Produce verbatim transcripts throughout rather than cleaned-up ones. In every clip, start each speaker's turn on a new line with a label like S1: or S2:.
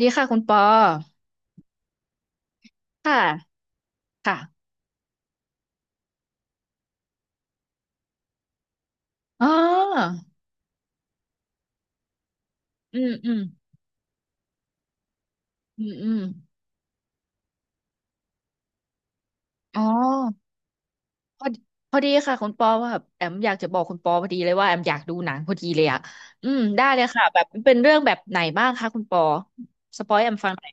S1: ดีค่ะคุณปอค่ะค่ะอ๋ออืมอืมอืมอืมอ๋อพอดีพอดีค่ะคุณปอว่าแบบแอมอยากจะบอกคุณปอพอดีเลยว่าแอมอยากดูหนังพอดีเลยอ่ะอืมได้เลยค่ะแบบเป็นเรื่องแบบไหนบ้างคะคุณปอสปอยแอมฟังหน่อย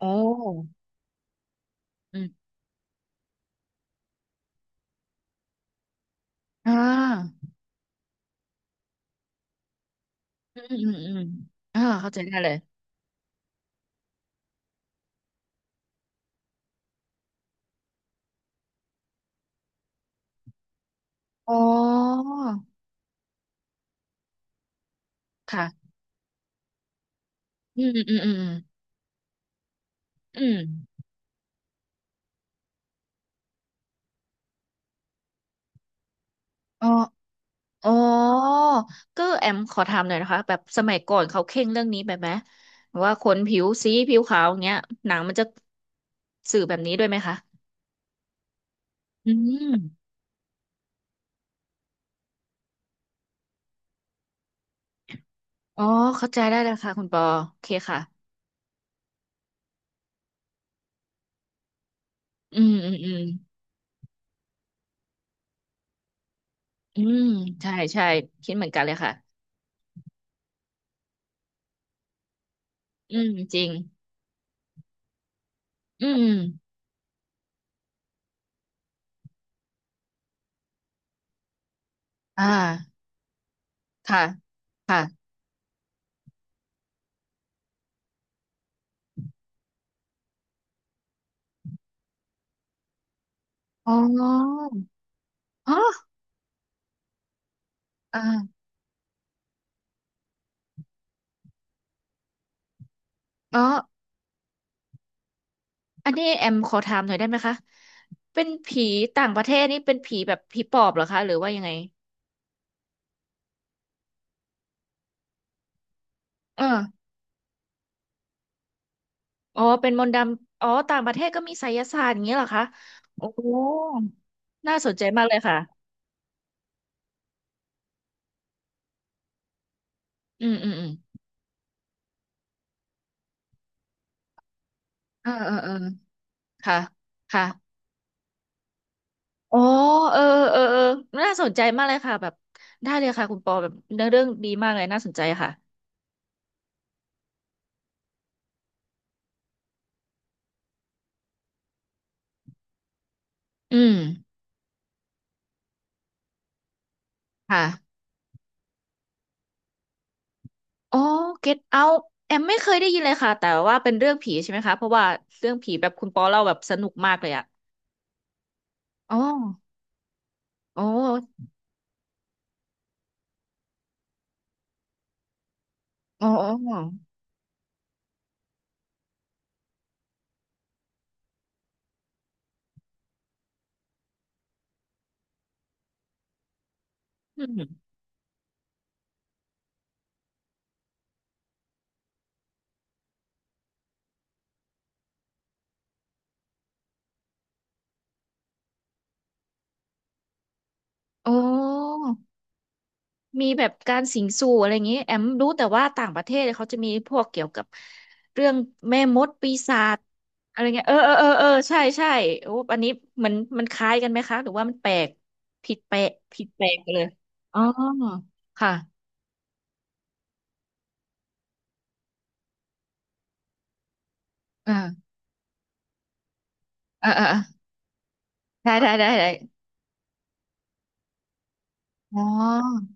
S1: โอ้อืมอ่าอืมอืมอืมอ่าเข้าใจได้เลยอ๋อค่ะอืมอืมอืมอืมอมอ๋อ อ๋อก็แอมขอถามหน่อยนะคะแบบสมัยก่อนเขาเคร่งเรื่องนี้แบบไหมว่าคนผิวสีผิวขาวอย่างเงี้ยหนังมันจะสื่อแบบนี้ด้วยไหมคะอืมอ๋อเข้าใจได้แล้วค่ะคุณปอโอเคค่ะอืมอืมอืมอืมใช่ใช่คิดเหมือนกันเลยค่ะอืมจริงอืมอ่าค่ะค่ะอ๋อฮะอ่าอ๋อ อันนี้แอมขอถามหน่อยได้ไหมคะเป็นผีต่างประเทศนี่เป็นผีแบบผีปอบเหรอคะหรือว่ายังไงเอออ๋อเป็นมนต์ดำอ๋อต่างประเทศก็มีไสยศาสตร์อย่างเงี้ยเหรอคะโอ้น่าสนใจมากเลยค่ะอืมอืมอืมเออเออเออค่ะค่ะอ๋อเออเออเออน่าสนใจมากเลยค่ะแบบได้เลยค่ะคุณปอแบบเนื้อเรื่องดีมากเลยน่าสนใจค่ะอืมค่ะ อ๋อ Get Out แอมไม่เคยได้ยินเลยค่ะแต่ว่าเป็นเรื่องผีใช่ไหมคะเพราะว่าเรื่องผีแบบคุณปอเล่าแบบสนุกมากเลยอะอ๋ออ๋ออ๋ออ๋ออืมอ๋อมีแบบการสิงสู่อะไรอย่างงี้แอมรู้แต่ว่าต่างประเทศเขาจะมีพวกเกี่ยวกับเรื่องแม่มดปีศาจอะไรเงี้ยเออเออเออเออใช่ใช่โอ้อันนี้มันมันคล้ายกันไหมคะหรือว่ามันแปลกผิดแปลกผิดแปลกไปเลยอ๋อค่ะอ่าอ่าอ่าอ่าได้ได้ได้ได้อ๋อ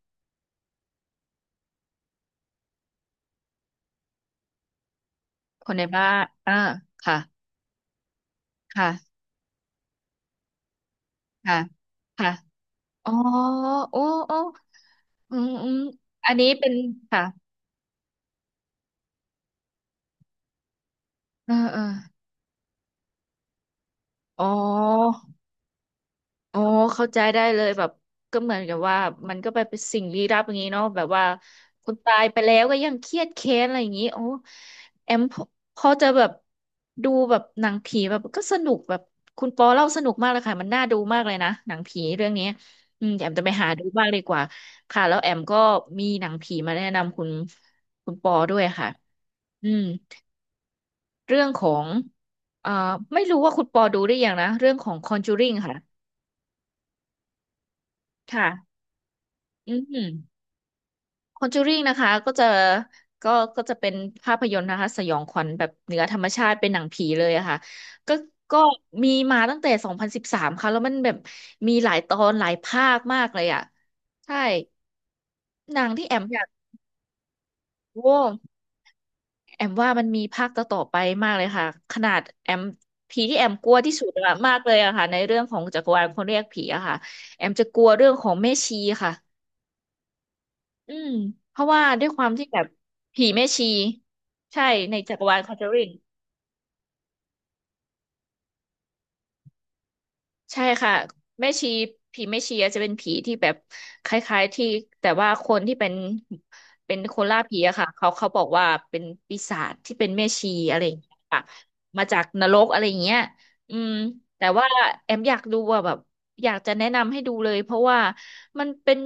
S1: คนในบ้านอ่าค่ะค่ะค่ะค่ะอ๋อโอ้โอ้อืมอืมอันนี้เป็นค่ะเออเอออ๋อ อ๋อเข้าใจได้เลยแบบก็เหมือนกับว่ามันก็ไปเป็นสิ่งลี้ลับอย่างนี้เนาะแบบว่าคนตายไปแล้วก็ยังเครียดแค้นอะไรอย่างนี้โอ้แอมพอพอจะแบบดูแบบหนังผีแบบก็สนุกแบบคุณปอเล่าสนุกมากเลยค่ะมันน่าดูมากเลยนะหนังผีเรื่องนี้อืมเดี๋ยวแอมจะไปหาดูบ้างดีกว่าค่ะแล้วแอมก็มีหนังผีมาแนะนำคุณคุณปอด้วยค่ะอืมเรื่องของเอ่อไม่รู้ว่าคุณปอดูได้ยังนะเรื่องของ Conjuring ค่ะค่ะอืม คอนจูริงนะคะก็จะก็ก็จะเป็นภาพยนตร์นะคะสยองขวัญแบบเหนือธรรมชาติเป็นหนังผีเลยอะค่ะก็ก็มีมาตั้งแต่สองพันสิบสามค่ะแล้วมันแบบมีหลายตอนหลายภาคมากเลยอะใช่หนังที่แอมอยากโอ้แอมว่ามันมีภาคต่อๆไปมากเลยค่ะขนาดแอมผีที่แอมกลัวที่สุดอะมากเลยอะค่ะในเรื่องของจักรวาลคนเรียกผีอะค่ะแอมจะกลัวเรื่องของแม่ชีค่ะ อืมเพราะว่าด้วยความที่แบบผีแม่ชีใช่ในจักรวาลคอนเจอริง ใช่ค่ะแม่ชีผีแม่ชีอาจจะเป็นผีที่แบบคล้ายๆที่แต่ว่าคนที่เป็นเป็นคนล่าผีอะค่ะเขาเขาบอกว่าเป็นปีศาจที่เป็นแม่ชีอะไรอย่างเงี้ยค่ะมาจากนรกอะไรอย่างเงี้ยอืมแต่ว่าแอมอยากดูอะแบบอยากจะแนะนำให้ดูเลยเพราะว่ามันเป็น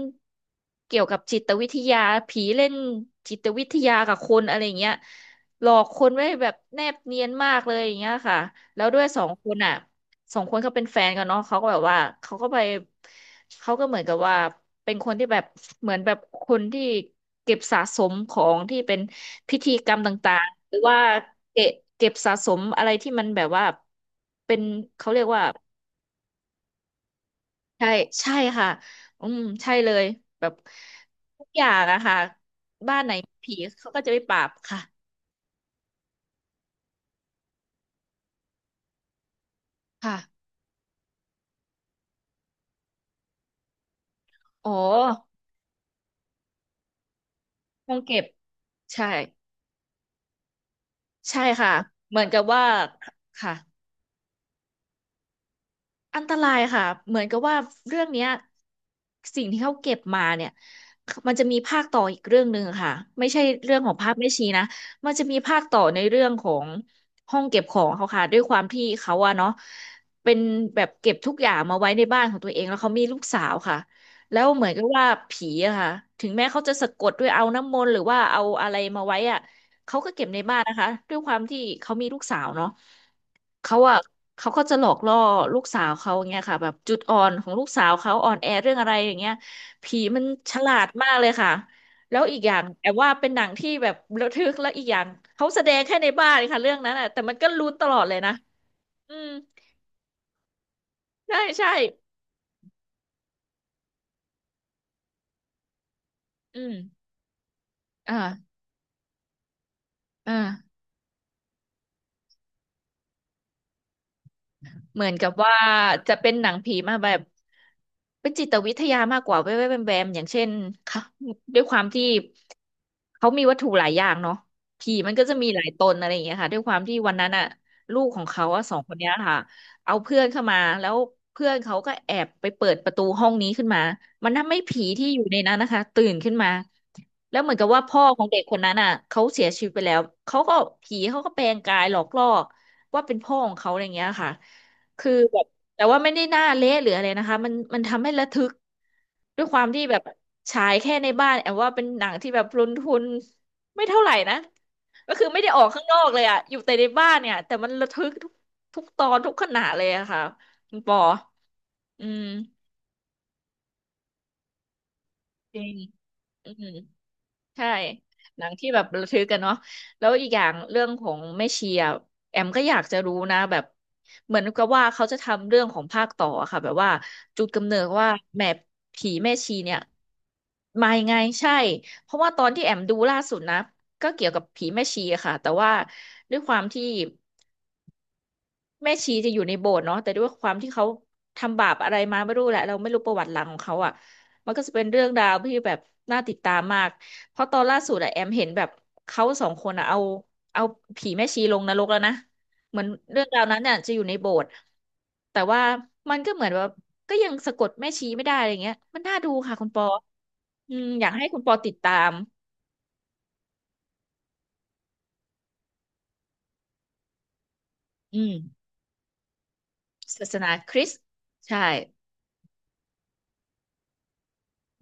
S1: เกี่ยวกับจิตวิทยาผีเล่นจิตวิทยากับคนอะไรอย่างเงี้ยหลอกคนไว้แบบแนบเนียนมากเลยอย่างเงี้ยค่ะแล้วด้วยสองคนอ่ะ สองคนเขาเป็นแฟนกันเนาะเขาก็แบบว่าเขาก็ไปเขาก็เหมือนกับว่าเป็นคนที่แบบเหมือนแบบคนที่เก็บสะสมของที่เป็นพิธีกรรมต่างๆหรือว่าเก็บเก็บสะสมอะไรที่มันแบบว่าเป็นเขาเรียกว่าใช่ใช่ค่ะอืมใช่เลยแบบทุกอย่างอะค่ะบ้านไหนมีผีเขาก็จะไปปราบค่ะค่ะอ๋อห้องเก็บใช่ใช่ค่ะเหมือนกับว่าค่ะ อันตรายค่ะเหมือนกับว่าเรื่องเนี้ยสิ่งที่เขาเก็บมาเนี่ยมันจะมีภาคต่ออีกเรื่องหนึ่งค่ะไม่ใช่เรื่องของภาพแม่ชีนะมันจะมีภาคต่อในเรื่องของห้องเก็บของเขาค่ะด้วยความที่เขาอะเนาะเป็นแบบเก็บทุกอย่างมาไว้ในบ้านของตัวเองแล้วเขามีลูกสาวค่ะแล้วเหมือนกับว่าผีอะค่ะถึงแม้เขาจะสะกดด้วยเอาน้ำมนต์หรือว่าเอาอะไรมาไว้อะ เขาก็เก็บในบ้านนะคะด้วยความที่เขามีลูกสาวเนาะเขาอะเขาก็จะหลอกล่อลูกสาวเขาอย่างเงี้ยค่ะแบบจุดอ่อนของลูกสาวเขาอ่อนแอเรื่องอะไรอย่างเงี้ยผีมันฉลาดมากเลยค่ะแล้วอีกอย่างแอบว่าเป็นหนังที่แบบระทึกแล้วอีกอย่างเขาแสดงแค่ในบ้านค่ะเรื่องนั้นอะแต่มันก็ลุ้นตลอดเลยนะอืมใช่ใช่อืมอ่าอ่า เหมือนกับว่าจะเป็นหนังผีมาแบบเป็นจิตวิทยามากกว่าแวบๆแวมๆอย่างเช่นค่ะด้วยความที่เขามีวัตถุหลายอย่างเนาะผีมันก็จะมีหลายตนอะไรอย่างเงี้ยค่ะด้วยความที่วันนั้นอะลูกของเขาอะสองคนเนี้ยค่ะเอาเพื่อนเข้ามาแล้วเพื่อนเขาก็แอบไปเปิดประตูห้องนี้ขึ้นมามันทำให้ผีที่อยู่ในนั้นนะคะตื่นขึ้นมาแล้วเหมือนกับว่าพ่อของเด็กคนนั้นอ่ะเขาเสียชีวิตไปแล้วเขาก็ผีเขาก็แปลงกายหลอกล่อว่าเป็นพ่อของเขาอะไรอย่างเงี้ยค่ะ คือแบบแต่ว่าไม่ได้หน้าเละหรืออะไรนะคะมันมันทำให้ระทึกด้วยความที่แบบฉายแค่ในบ้านแอบว่าเป็นหนังที่แบบลงทุนไม่เท่าไหร่นะก็คือไม่ได้ออกข้างนอกเลยอะอยู่แต่ในบ้านเนี่ยแต่มันระทึกทุกทุกตอนทุกขณะเลยอะค่ะคุณปออืมจริงอืม ใช่ หนังที่แบบระทึกกันเนาะแล้วอีกอย่างเรื่องของแม่ชีอะแอมก็อยากจะรู้นะแบบเหมือนกับว่าเขาจะทำเรื่องของภาคต่ออะค่ะแบบว่าจุดกำเนิดว่าแม่ผีแม่ชีเนี่ยมายังไงใช่ เพราะว่าตอนที่แอมดูล่าสุดนะก็เกี่ยวกับผีแม่ชีอะค่ะแต่ว่าด้วยความที่ แม่ชีจะอยู่ในโบสถ์เนาะแต่ด้วยความที่เขาทำบาปอะไรมาไม่รู้แหละเราไม่รู้ประวัติหลังของเขาอ่ะมันก็จะเป็นเรื่องราวที่แบบน่าติดตามมากเพราะตอนล่าสุดอะแอมเห็นแบบเขาสองคนอะเอาเอาผีแม่ชีลงนรกแล้วนะเหมือนเรื่องราวนั้นเนี่ยจะอยู่ในโบสถ์แต่ว่ามันก็เหมือนว่าก็ยังสะกดแม่ชีไม่ได้อะไรเงี้ยมันน่าดูค่ะคุณปออืมอยากให้คุณปอติดตามอืมศาสนาคริสต์ใช่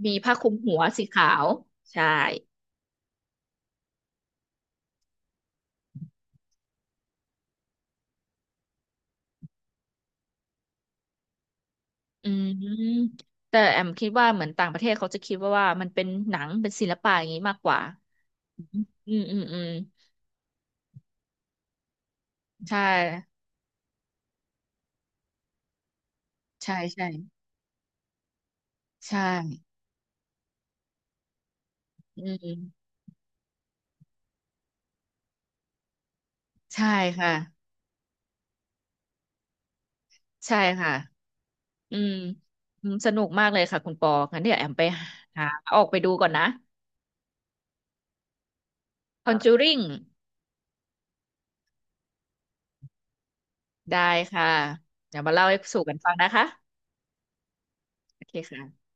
S1: มีผ้าคลุมหัวสีขาวใช่ อืมแต่แอมคิดว่าเหมือนต่างประเทศเขาจะคิดว่าว่ามันเป็นหนังเป็นศิลปะอย่างนี้มากกว่าอืมอืมอืมใช่ใช่ใช่ใช่อืมใช่ค่ะใช่ค่ะอืมอืมสนุกมากเลยค่ะคุณปองั้นเดี๋ยวแอมไปหาออกไปดูก่อนนะ คอนเจอริ่ง ได้ค่ะเดี๋ยวมาเล่าให้สู่กันฟังนะคะโอเคค่ะ